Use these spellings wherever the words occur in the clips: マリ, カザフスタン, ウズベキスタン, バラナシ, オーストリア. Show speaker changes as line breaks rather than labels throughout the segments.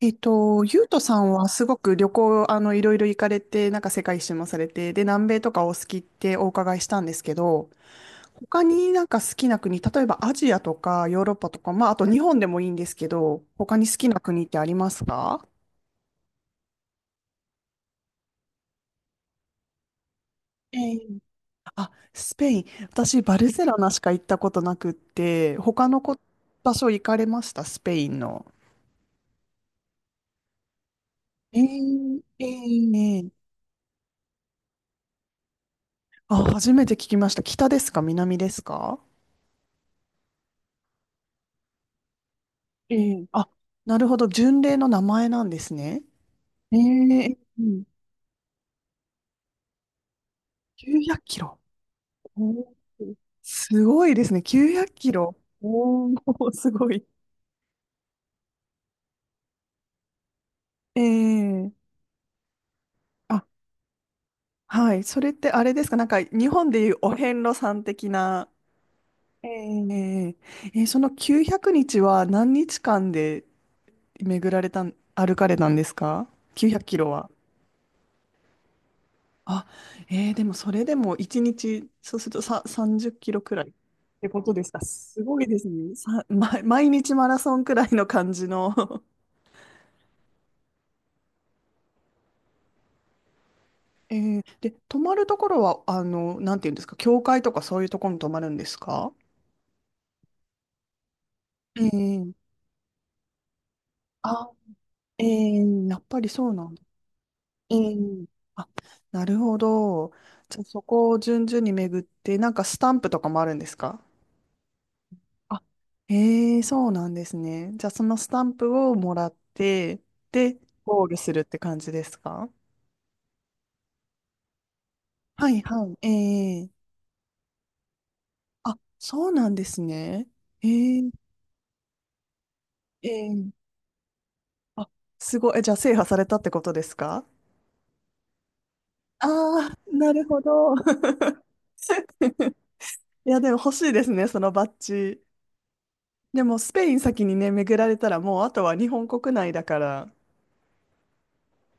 ゆうとさんはすごく旅行、いろいろ行かれて、なんか世界一周もされて、で、南米とかお好きってお伺いしたんですけど、他になんか好きな国、例えばアジアとかヨーロッパとか、まあ、あと日本でもいいんですけど、他に好きな国ってありますか？え、あ、スペイン。私、バルセロナしか行ったことなくって、他のこ、場所行かれましたスペインの？えーえーええ。あ、初めて聞きました。北ですか？南ですか？ええ、あ、なるほど。巡礼の名前なんですね。ええ。うん。900キロ。おー、すごいですね。900キロ。おお、すごい。ええ。あ、はい。それってあれですか？なんか日本でいうお遍路さん的な。えええ、その900日は何日間で、巡られたん、歩かれたんですか？ 900 キロは。あ、でもそれでも1日、そうするとさ、30キロくらいってことですか。すごいですね。毎日マラソンくらいの感じの で、泊まるところは、なんていうんですか、教会とかそういうところに泊まるんですか？えー、あ、やっぱりそうなんだ。えー、なるほど。じゃあそこを順々に巡って、なんかスタンプとかもあるんですか？あ、へえ、そうなんですね。じゃあ、そのスタンプをもらって、で、ゴールするって感じですか？はいはい。ええ、あ、そうなんですね。ええええ、あ、すごい。え、じゃあ、制覇されたってことですか？ああー、なるほど。いや、でも欲しいですね、そのバッジ。でも、スペイン先にね、巡られたら、もう、あとは日本国内だから、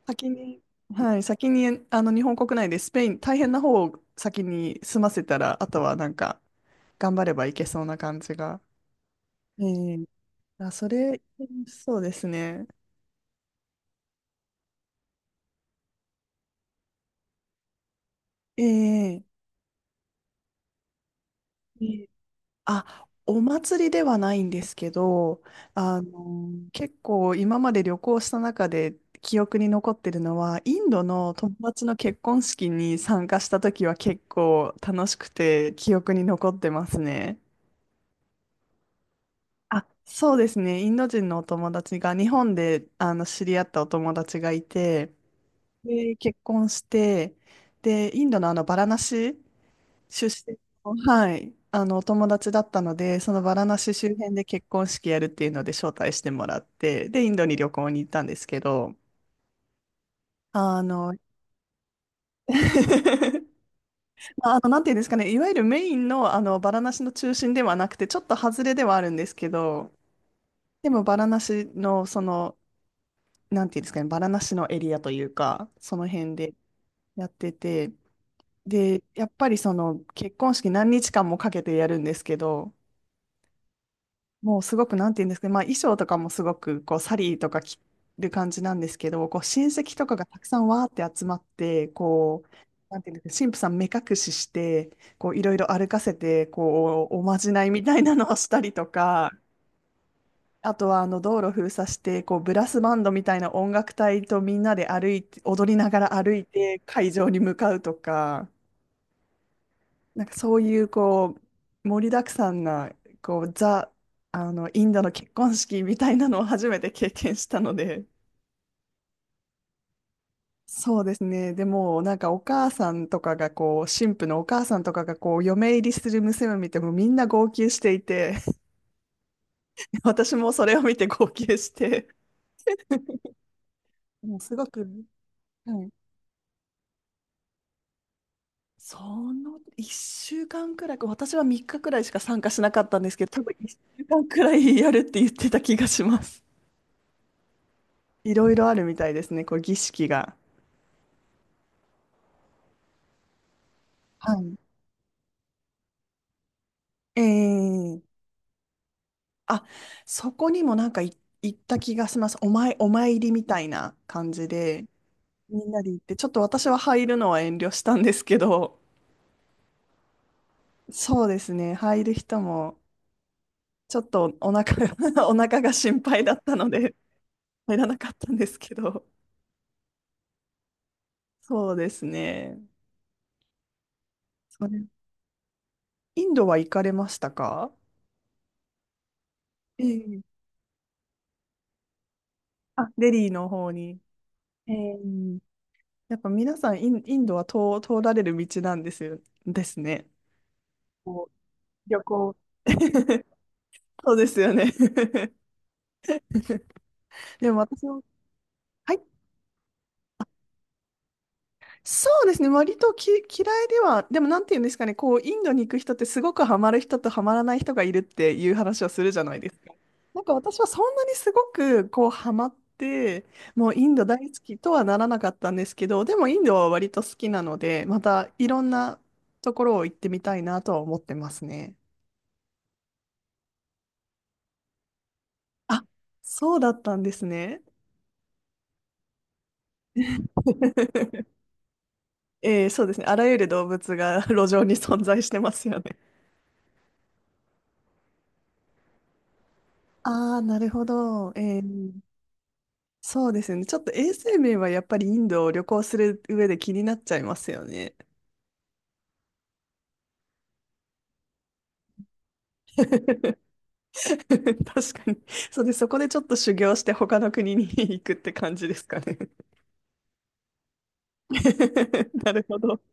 先に、はい、先に、日本国内でスペイン、大変な方を先に済ませたら、あとはなんか、頑張ればいけそうな感じが。ええ、あ、それ、そうですね。ええええ、あ、お祭りではないんですけど、結構今まで旅行した中で記憶に残ってるのは、インドの友達の結婚式に参加した時は結構楽しくて記憶に残ってますね。あ、そうですね。インド人のお友達が日本で知り合ったお友達がいて、で、結婚して、で、インドのバラナシ出身の、はい、お友達だったので、そのバラナシ周辺で結婚式やるっていうので招待してもらって、で、インドに旅行に行ったんですけど、あの、まあの、なんていうんですかね、いわゆるメインの、バラナシの中心ではなくて、ちょっと外れではあるんですけど、でも、バラナシの、なんていうんですかね、バラナシのエリアというか、その辺でやってて、で、やっぱりその結婚式何日間もかけてやるんですけど、もうすごくなんて言うんですかね、まあ衣装とかもすごくこうサリーとか着る感じなんですけど、こう親戚とかがたくさんわーって集まって、こう、なんていうんですかね、神父さん目隠しして、こういろいろ歩かせて、こうおまじないみたいなのをしたりとか、あとは道路封鎖して、こうブラスバンドみたいな音楽隊とみんなで歩いて、踊りながら歩いて会場に向かうとか、なんかそういうこう盛りだくさんなこうザあのインドの結婚式みたいなのを初めて経験したので。そうですね。でもなんかお母さんとかがこう新婦のお母さんとかがこう嫁入りする娘を見てもみんな号泣していて 私もそれを見て号泣してもうすごく、はい、その1週間くらい私は3日くらいしか参加しなかったんですけど、多分1週間くらいやるって言ってた気がします。いろいろあるみたいですね、こう儀式が。はい。ええ、あ、そこにもなんか行った気がします。お参りみたいな感じで、みんなで行って、ちょっと私は入るのは遠慮したんですけど、そうですね、入る人も、ちょっとお腹が お腹が心配だったので、入らなかったんですけど、そうですね。それ、インドは行かれましたか？ええ、あ、デリーの方に。ええ。やっぱ皆さんインドは通られる道なんですよ、ですね。こう旅行。そうですよね。でも私も、はい、そうですね、割と嫌いでは、でもなんていうんですかね、こう、インドに行く人ってすごくハマる人とハマらない人がいるっていう話をするじゃないですか。なんか私はそんなにすごくこう、ハマって、もうインド大好きとはならなかったんですけど、でもインドは割と好きなので、またいろんなところを行ってみたいなとは思ってますね。あ、そうだったんですね。そうですね。あらゆる動物が 路上に存在してますよね。ああ、なるほど。そうですよね。ちょっと衛生面はやっぱりインドを旅行する上で気になっちゃいますよね。確かに。そうで、そこでちょっと修行して他の国に 行くって感じですかね。なるほど。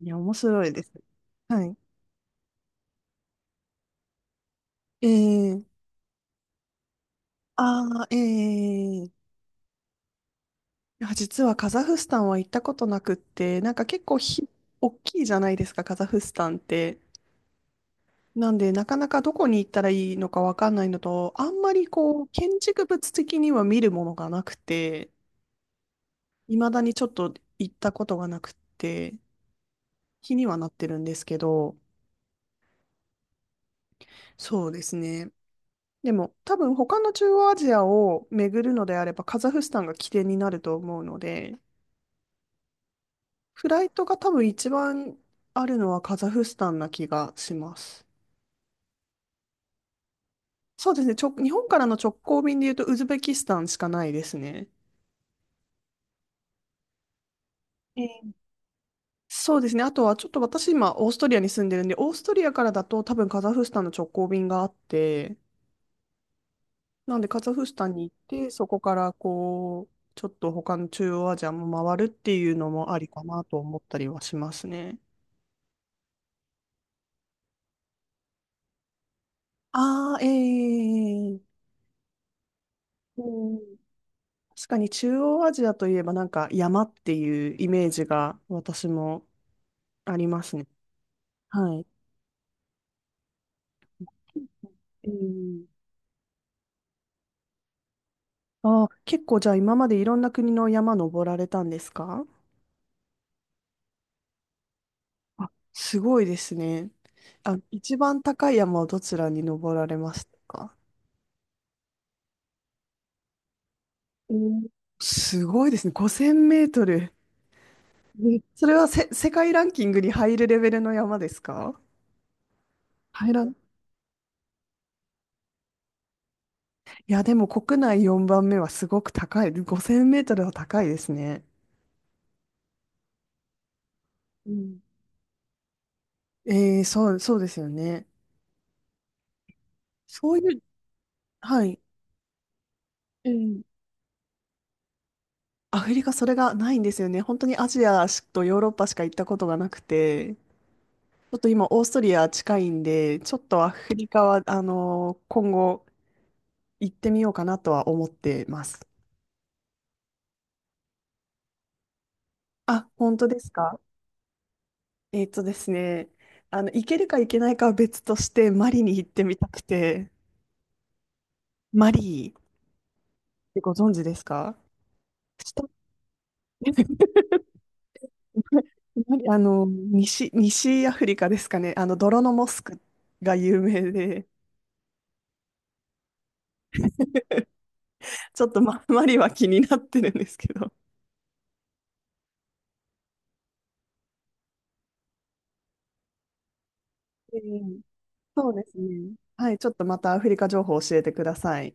いや、面白いです。はい。えー、ああ、ええ、いや、実はカザフスタンは行ったことなくって、なんか結構大きいじゃないですか、カザフスタンって。なんで、なかなかどこに行ったらいいのかわかんないのと、あんまりこう、建築物的には見るものがなくて、未だにちょっと行ったことがなくって、気にはなってるんですけど、そうですね。でも、多分他の中央アジアを巡るのであれば、カザフスタンが起点になると思うので、フライトが多分一番あるのはカザフスタンな気がします。そうですね。日本からの直行便で言うと、ウズベキスタンしかないですね。ええ、そうですね。あとは、ちょっと私今、オーストリアに住んでるんで、オーストリアからだと多分カザフスタンの直行便があって、なんでカザフスタンに行って、そこからこう、ちょっと他の中央アジアも回るっていうのもありかなと思ったりはしますね。ああ、ええ、うん、確かに中央アジアといえばなんか山っていうイメージが私もありますね。はい。うん、ああ、結構じゃあ今までいろんな国の山登られたんですか？あ、すごいですね。あ、一番高い山をどちらに登られましたか？おー、すごいですね。5000メートル。え、それは世界ランキングに入るレベルの山ですか？入らん。いや、でも国内4番目はすごく高い。5000メートルは高いですね。うん、そうですよね。そういう、はい。ええ、アフリカそれがないんですよね。本当にアジアとヨーロッパしか行ったことがなくて、ちょっと今オーストリア近いんで、ちょっとアフリカは、今後行ってみようかなとは思ってます。あ、本当ですか？えっとですね、行けるか行けないかは別として、マリに行ってみたくて、マリってご存知ですか？下 マリ西アフリカですかね。泥のモスクが有名で、ちょっとマリは気になってるんですけど。うん、そうですね。はい、ちょっとまたアフリカ情報教えてください。